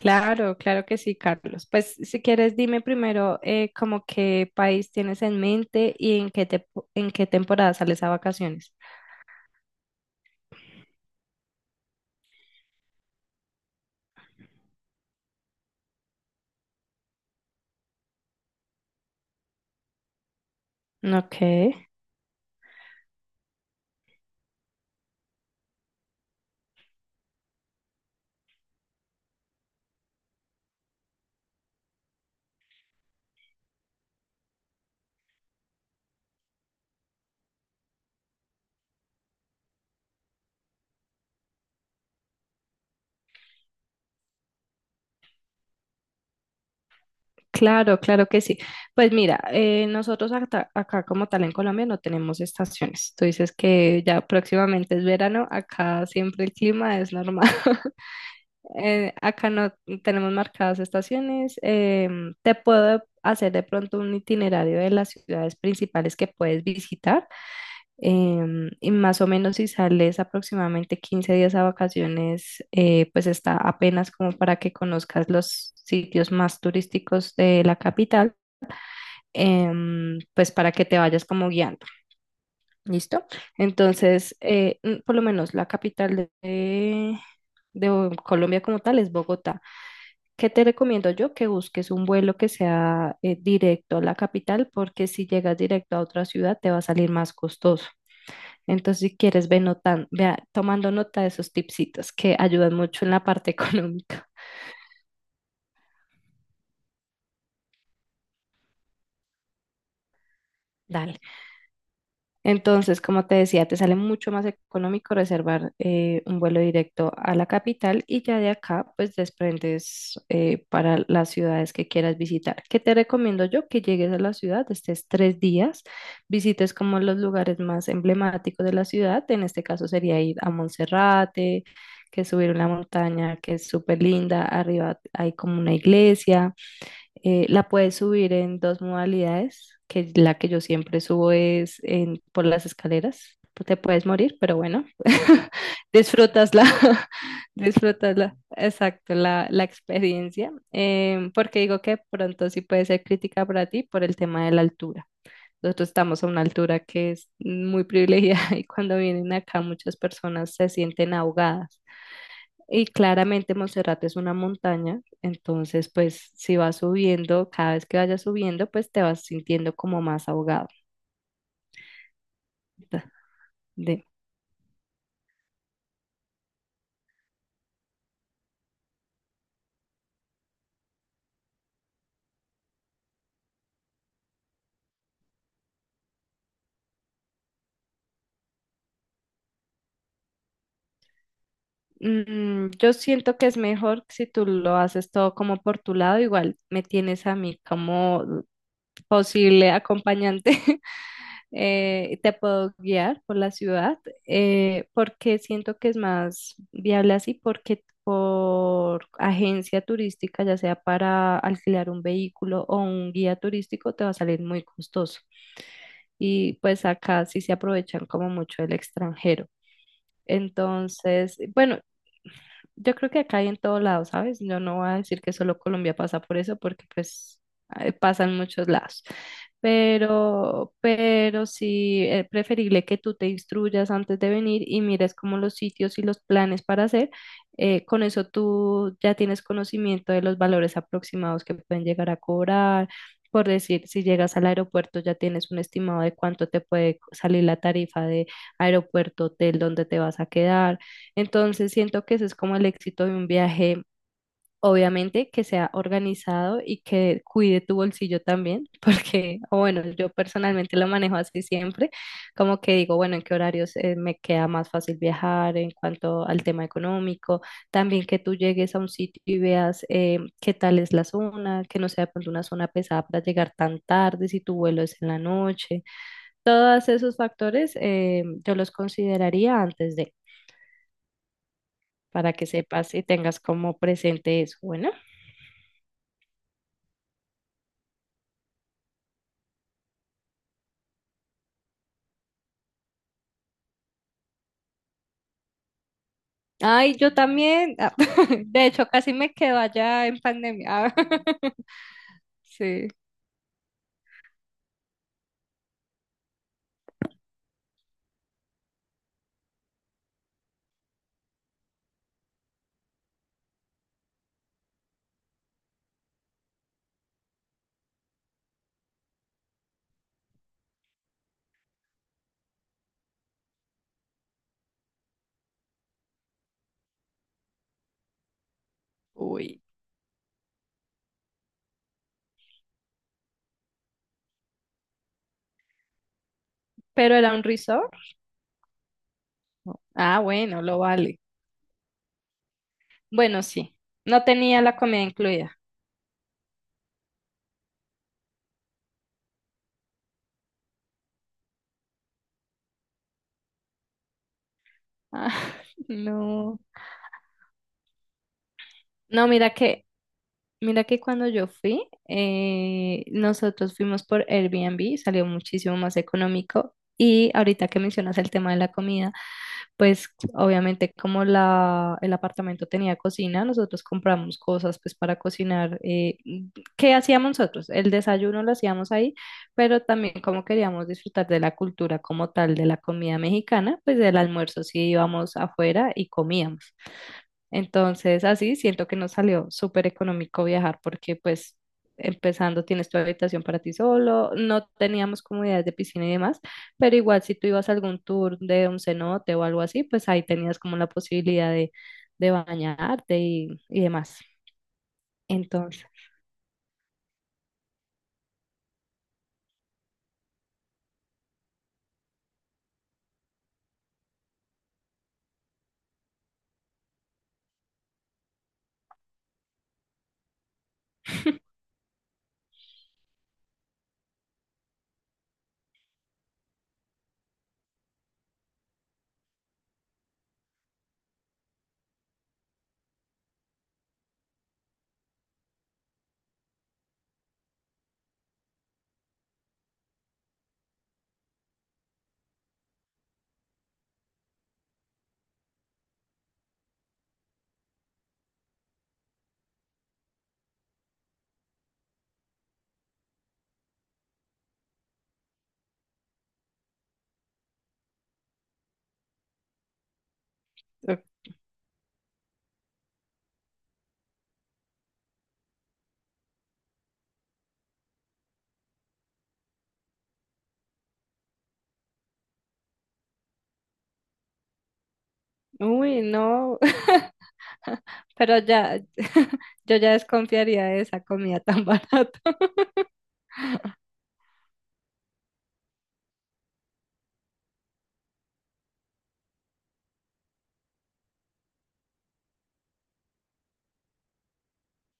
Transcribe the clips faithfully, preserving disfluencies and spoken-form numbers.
Claro, claro que sí, Carlos. Pues si quieres, dime primero eh, como qué país tienes en mente y en qué te- en qué temporada sales a vacaciones. Ok, claro, claro que sí. Pues mira, eh, nosotros acá, acá como tal en Colombia no tenemos estaciones. Tú dices que ya próximamente es verano, acá siempre el clima es normal. Eh, acá no tenemos marcadas estaciones. Em, te puedo hacer de pronto un itinerario de las ciudades principales que puedes visitar, em, y más o menos si sales aproximadamente quince días a vacaciones, eh, pues está apenas como para que conozcas los sitios más turísticos de la capital, em, pues para que te vayas como guiando, ¿listo? Entonces, eh, mm, por lo menos la capital de, de Bo- Colombia como tal es Bogotá. ¿Qué te recomiendo yo? Que busques un vuelo que sea eh, directo a la capital, porque si llegas directo a otra ciudad te va a salir más costoso. Entonces, si quieres, ve notan- vea, tomando nota de esos tipsitos que ayudan mucho en la parte económica. Dale. Entonces, como te decía, te sale mucho más económico reservar eh, un vuelo directo a la capital y ya de acá, pues desprendes eh, para las ciudades que quieras visitar. ¿Qué te recomiendo yo? Que llegues a la ciudad, estés tres días, visites como los lugares más emblemáticos de la ciudad. En este caso sería ir a Monserrate, que es subir una montaña que es súper linda. Arriba hay como una iglesia. Eh, la puedes subir en dos modalidades, que la que yo siempre subo es en, por las escaleras. Pues Te puedes morir, pero bueno, disfrutasla, disfrutasla, exacto, la, la experiencia. Em, porque digo que pronto sí puede ser crítica para ti por el tema de la altura. Nosotros estamos a una altura que es muy privilegiada y cuando vienen acá muchas personas se sienten ahogadas. Y claramente Montserrat es una montaña, entonces pues si vas subiendo, cada vez que vayas subiendo, pues te vas sintiendo como más ahogado. Ta- de- Mm, yo siento que es mejor si tú lo haces todo como por tu lado, igual me tienes a mí como posible acompañante. Eh, te puedo guiar por la ciudad, eh, porque siento que es más viable así, porque por agencia turística, ya sea para alquilar un vehículo o un guía turístico, te va a salir muy costoso. Y pues acá sí se aprovechan como mucho el extranjero. Entonces, bueno, yo creo que acá hay en todo lado, ¿sabes? Yo no voy a decir que solo Colombia pasa por eso, porque pues eh, pasa en muchos lados. Pero, pero sí es preferible que tú te instruyas antes de venir y mires como los sitios y los planes para hacer. Eh, con eso tú ya tienes conocimiento de los valores aproximados que pueden llegar a cobrar. Por decir, si llegas al aeropuerto ya tienes un estimado de cuánto te puede salir la tarifa de aeropuerto, hotel, donde te vas a quedar. Entonces siento que ese es como el éxito de un viaje, obviamente que sea organizado y que cuide tu bolsillo también, porque o bueno, yo personalmente lo manejo así siempre, como que digo, bueno, en qué horarios eh, me queda más fácil viajar en cuanto al tema económico, también que tú llegues a un sitio y veas eh, qué tal es la zona, que no sea de pronto una zona pesada para llegar tan tarde, si tu vuelo es en la noche. Todos esos factores eh, yo los consideraría antes de, para que sepas y tengas como presente eso. Bueno, ay, yo también, ah, de hecho, casi me quedo allá en pandemia. Sí, uy, pero era un resort. No. Ah, bueno, lo vale. Bueno, sí, no tenía la comida incluida. Ah, no, no, mira que, mira que cuando yo fui, eh, nosotros fuimos por Airbnb, salió muchísimo más económico. Y ahorita que mencionas el tema de la comida, pues obviamente como la, el apartamento tenía cocina, nosotros compramos cosas pues para cocinar. Eh, ¿qué hacíamos nosotros? El desayuno lo hacíamos ahí, pero también como queríamos disfrutar de la cultura como tal de la comida mexicana, pues del almuerzo sí íbamos afuera y comíamos. Entonces, así siento que nos salió súper económico viajar porque pues empezando tienes tu habitación para ti solo, no teníamos comodidades de piscina y demás, pero igual si tú ibas a algún tour de un cenote o algo así, pues ahí tenías como la posibilidad de, de bañarte y, y demás. Entonces, uy, no, pero ya, yo ya desconfiaría de esa comida tan barata.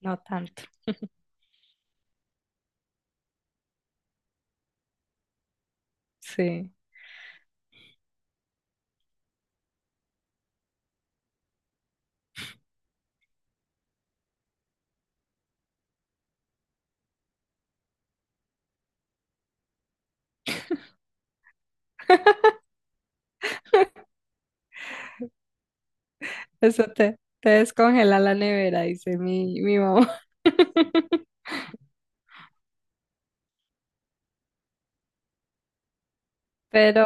No tanto, sí. Eso te, te descongela la nevera, dice mi, mi mamá. Pero,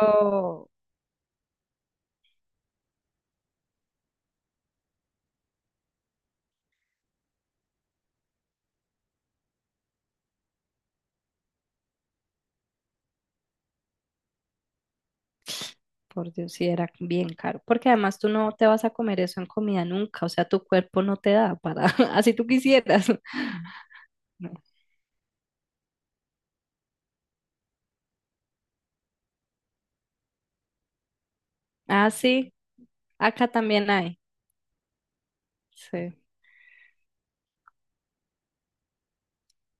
por Dios, sí era bien caro. Porque además tú no te vas a comer eso en comida nunca. O sea, tu cuerpo no te da para, así tú quisieras. No. Ah, sí, acá también hay. Sí.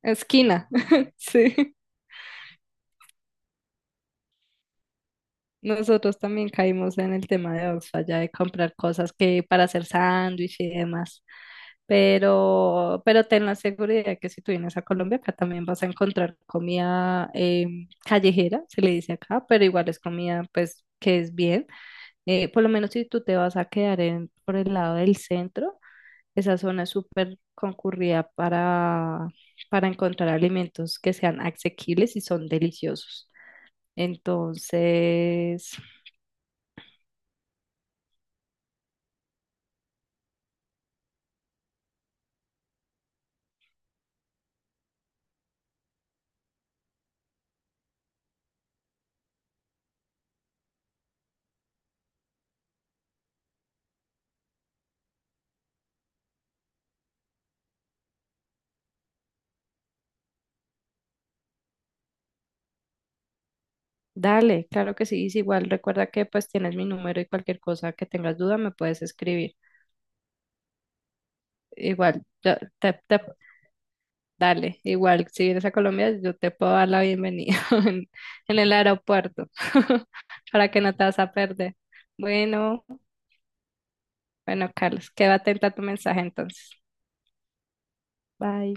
Esquina. Sí. Nosotros también caímos en el tema de Oxfam, ya de comprar cosas que para hacer sándwich y demás. Pero, pero ten la seguridad que si tú vienes a Colombia, acá también vas a encontrar comida em, callejera, se le dice acá, pero igual es comida pues que es bien. Eh, por lo menos si tú te vas a quedar en, por el lado del centro, esa zona es súper concurrida para, para encontrar alimentos que sean asequibles y son deliciosos. Entonces, dale, claro que sí, es igual recuerda que pues tienes mi número y cualquier cosa que tengas duda me puedes escribir. Igual, yo te, te- dale, igual, si vienes a Colombia, yo te puedo dar la bienvenida en, en el aeropuerto para que no te vas a perder. Bueno, bueno, Carlos, quédate atenta a tu mensaje entonces. Bye.